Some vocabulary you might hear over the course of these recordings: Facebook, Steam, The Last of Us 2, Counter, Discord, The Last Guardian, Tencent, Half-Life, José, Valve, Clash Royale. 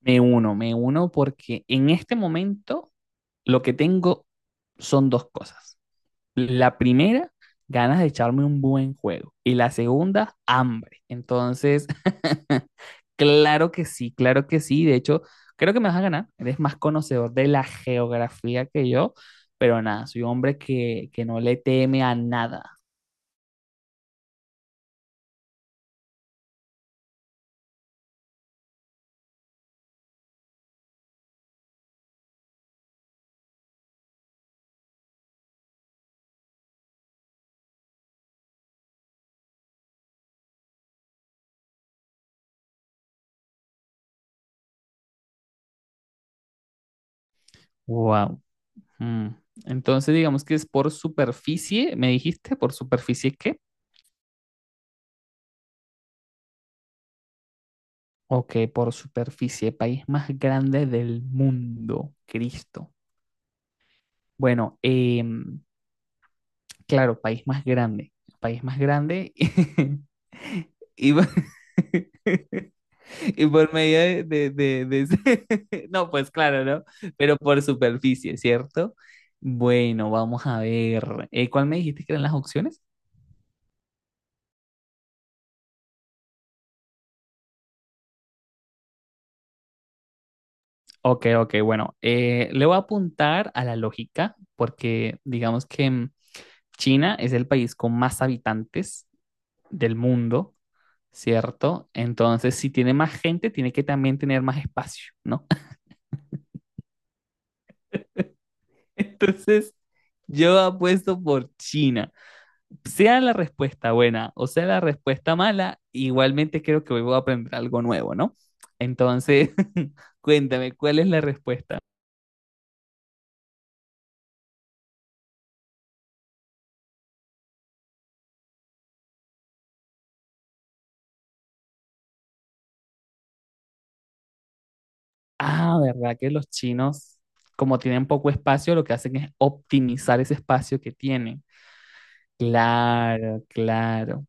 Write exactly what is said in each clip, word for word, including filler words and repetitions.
Me uno, me uno porque en este momento lo que tengo son dos cosas. La primera, ganas de echarme un buen juego. Y la segunda, hambre. Entonces, claro que sí, claro que sí. De hecho, creo que me vas a ganar. Eres más conocedor de la geografía que yo, pero nada, soy un hombre que, que no le teme a nada. Wow. Entonces, digamos que es por superficie, me dijiste, por superficie, ¿qué? Ok, por superficie, país más grande del mundo, Cristo. Bueno, em, claro, país más grande, país más grande y, por y por medio de, de- de- de ese- No, pues claro, ¿no? Pero por superficie, ¿cierto? Bueno, vamos a ver, eh, ¿cuál me dijiste que eran las opciones? Ok, ok, bueno, eh, le voy a apuntar a la lógica porque digamos que... em, China es el país con más habitantes del mundo, ¿cierto? Entonces, si tiene más gente, tiene que también tener más espacio, ¿no? Entonces, yo apuesto por China. Sea la respuesta buena o sea la respuesta mala, igualmente creo que hoy voy a aprender algo nuevo, ¿no? Entonces, cuéntame, ¿cuál es la respuesta? Ah, ¿verdad que los chinos, como tienen poco espacio, lo que hacen es optimizar ese espacio que tienen? Claro, claro.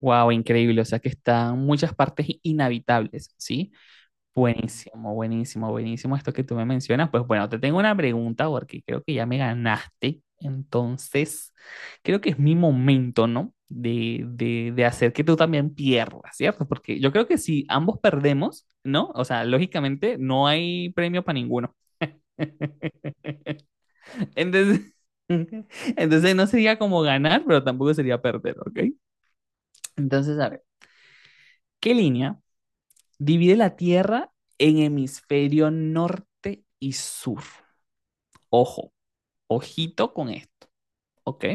Wow, increíble. O sea que están muchas partes inhabitables, ¿sí? Buenísimo, buenísimo, buenísimo esto que tú me mencionas. Pues bueno, te tengo una pregunta porque creo que ya me ganaste. Entonces, creo que es mi momento, ¿no? De, de, de hacer que tú también pierdas, ¿cierto? Porque yo creo que si ambos perdemos, ¿no? O sea, lógicamente no hay premio para ninguno. Entonces, entonces no sería como ganar, pero tampoco sería perder, ¿ok? Entonces, a ver, ¿qué línea divide la Tierra en hemisferio norte y sur? Ojo, ojito con esto, ¿ok?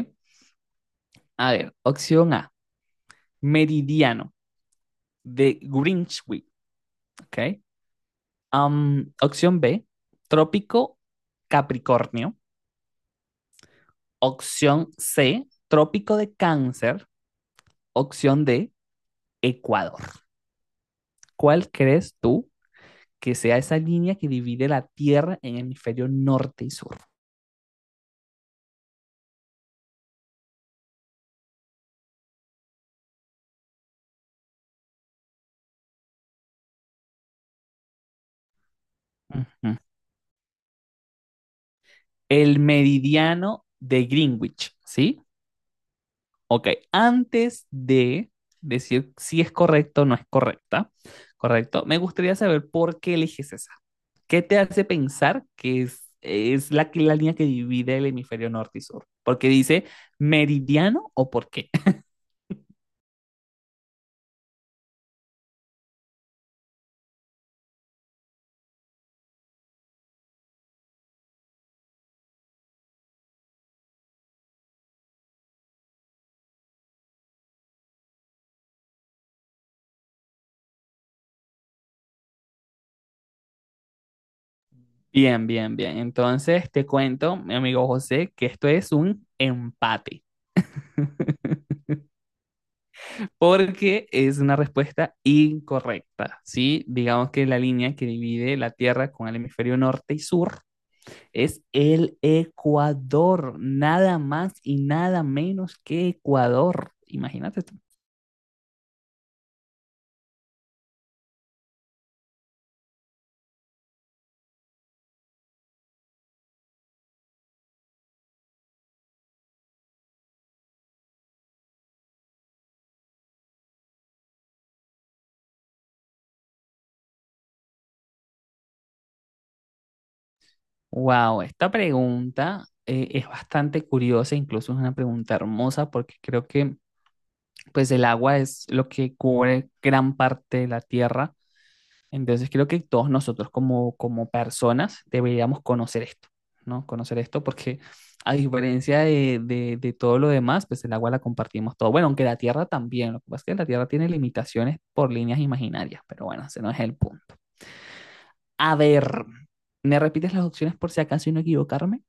A ver, opción A, meridiano de Greenwich, ¿ok? Um, opción B, trópico Capricornio. Opción C, trópico de Cáncer. Opción D, Ecuador. ¿Cuál crees tú que sea esa línea que divide la Tierra en hemisferio norte y sur? Ujú. El meridiano de Greenwich, ¿sí? Ok, antes de decir si es correcto o no es correcta, ¿correcto? Me gustaría saber por qué eliges esa. ¿Qué te hace pensar que es, es la, la línea que divide el hemisferio norte y sur? Porque dice meridiano o por qué. Bien, bien, bien. Entonces te cuento, mi amigo José, que esto es un empate. Porque es una respuesta incorrecta, ¿sí? Digamos que la línea que divide la Tierra con el hemisferio norte y sur es el Ecuador, nada más y nada menos que Ecuador. Imagínate tú. Wow, esta pregunta eh, es bastante curiosa, incluso es una pregunta hermosa porque creo que pues el agua es lo que cubre gran parte de la Tierra. Entonces creo que todos nosotros como, como personas deberíamos conocer esto, ¿no? Conocer esto porque a diferencia de, de- de todo lo demás, pues el agua la compartimos todo. Bueno, aunque la tierra también, lo que pasa es que la tierra tiene limitaciones por líneas imaginarias, pero bueno, ese no es el punto. A ver, ¿me repites las opciones por si acaso y no equivocarme?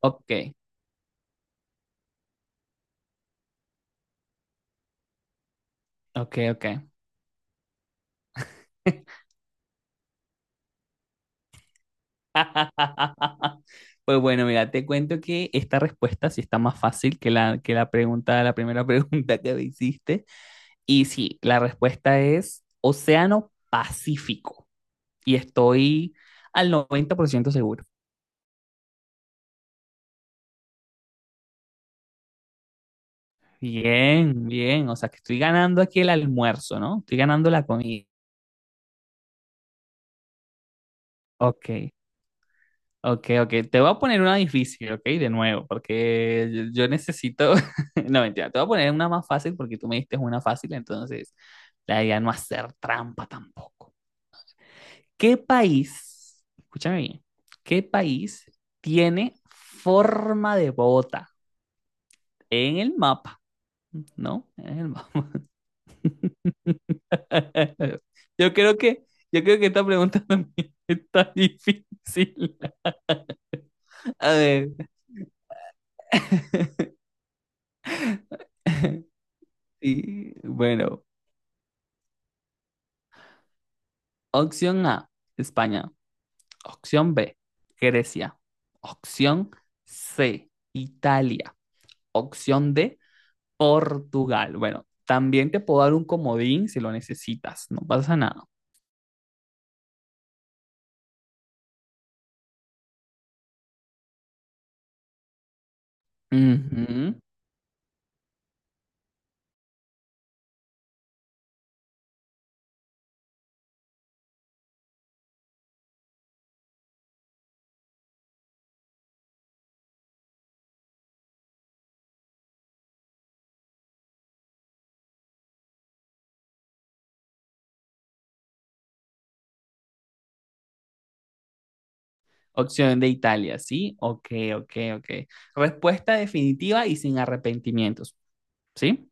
Ok, ok, ok. Pues bueno, mira, te cuento que esta respuesta sí está más fácil que la, que la pregunta, la primera pregunta que me hiciste. Y sí, la respuesta es Océano Pacífico. Y estoy al noventa por ciento seguro. Bien, bien. O sea, que estoy ganando aquí el almuerzo, ¿no? Estoy ganando la comida. Ok, ok, ok. Te voy a poner una difícil, ok, de nuevo, porque yo yo necesito. No, mentira. Te voy a poner una más fácil porque tú me diste una fácil, entonces la idea no hacer trampa tampoco. ¿Qué país, escúchame bien, qué país tiene forma de bota en el mapa, ¿no? En el mapa. Yo creo que, yo creo que esta pregunta también está difícil. A ver. Y bueno, opción A, España. Opción B, Grecia. Opción C, Italia. Opción D, Portugal. Bueno, también te puedo dar un comodín si lo necesitas, no pasa nada. Ujú. Opción de Italia, ¿sí? Ok, ok, ok. Respuesta definitiva y sin arrepentimientos, ¿sí?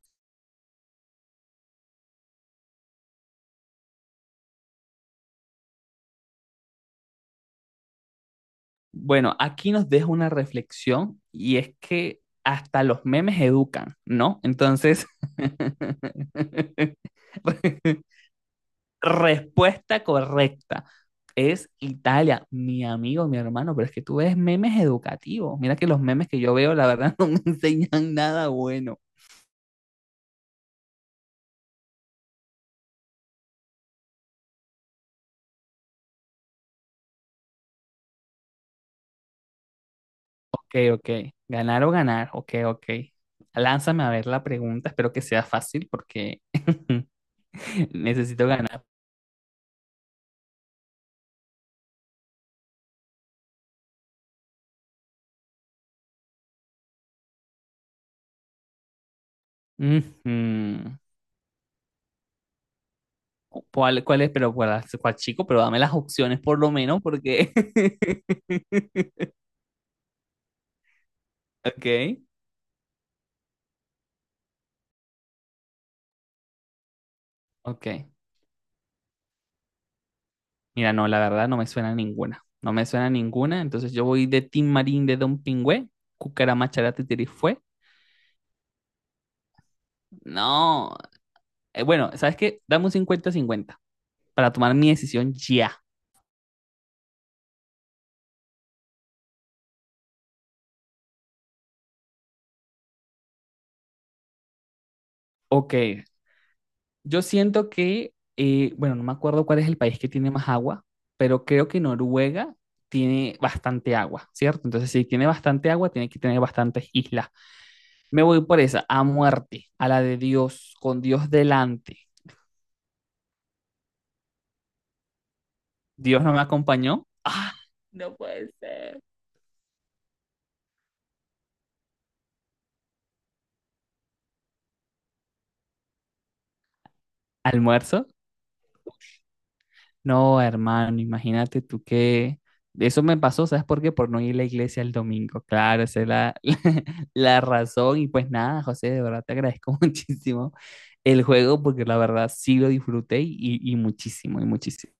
Bueno, aquí nos deja una reflexión y es que hasta los memes educan, ¿no? Entonces, respuesta correcta es Italia, mi amigo, mi hermano, pero es que tú ves memes educativos. Mira que los memes que yo veo, la verdad, no me enseñan nada bueno. Ok, ok. Ganar o ganar. Ok, ok. Lánzame a ver la pregunta. Espero que sea fácil porque necesito ganar. Ujú. ¿Cuál, cuál es? Pero cuál, cuál chico, pero dame las opciones por lo menos porque... Ok, ok. Mira, no, la verdad no me suena ninguna. No me suena ninguna. Entonces yo voy de Tim Marín de Don Pingüe. Cucarama Charate fue. No. Eh, bueno, ¿sabes qué? Dame un cincuenta cincuenta para tomar mi decisión ya. Ok, yo siento que, eh, bueno, no me acuerdo cuál es el país que tiene más agua, pero creo que Noruega tiene bastante agua, ¿cierto? Entonces, si tiene bastante agua, tiene que tener bastantes islas. Me voy por esa, a muerte, a la de Dios, con Dios delante. Dios no me acompañó. Ah, no puede ser. Almuerzo. No, hermano, imagínate tú que eso me pasó, ¿sabes por qué? Por no ir a la iglesia el domingo. Claro, esa es la, la razón. Y pues nada, José, de verdad te agradezco muchísimo el juego porque la verdad sí lo disfruté y, y muchísimo, y muchísimo.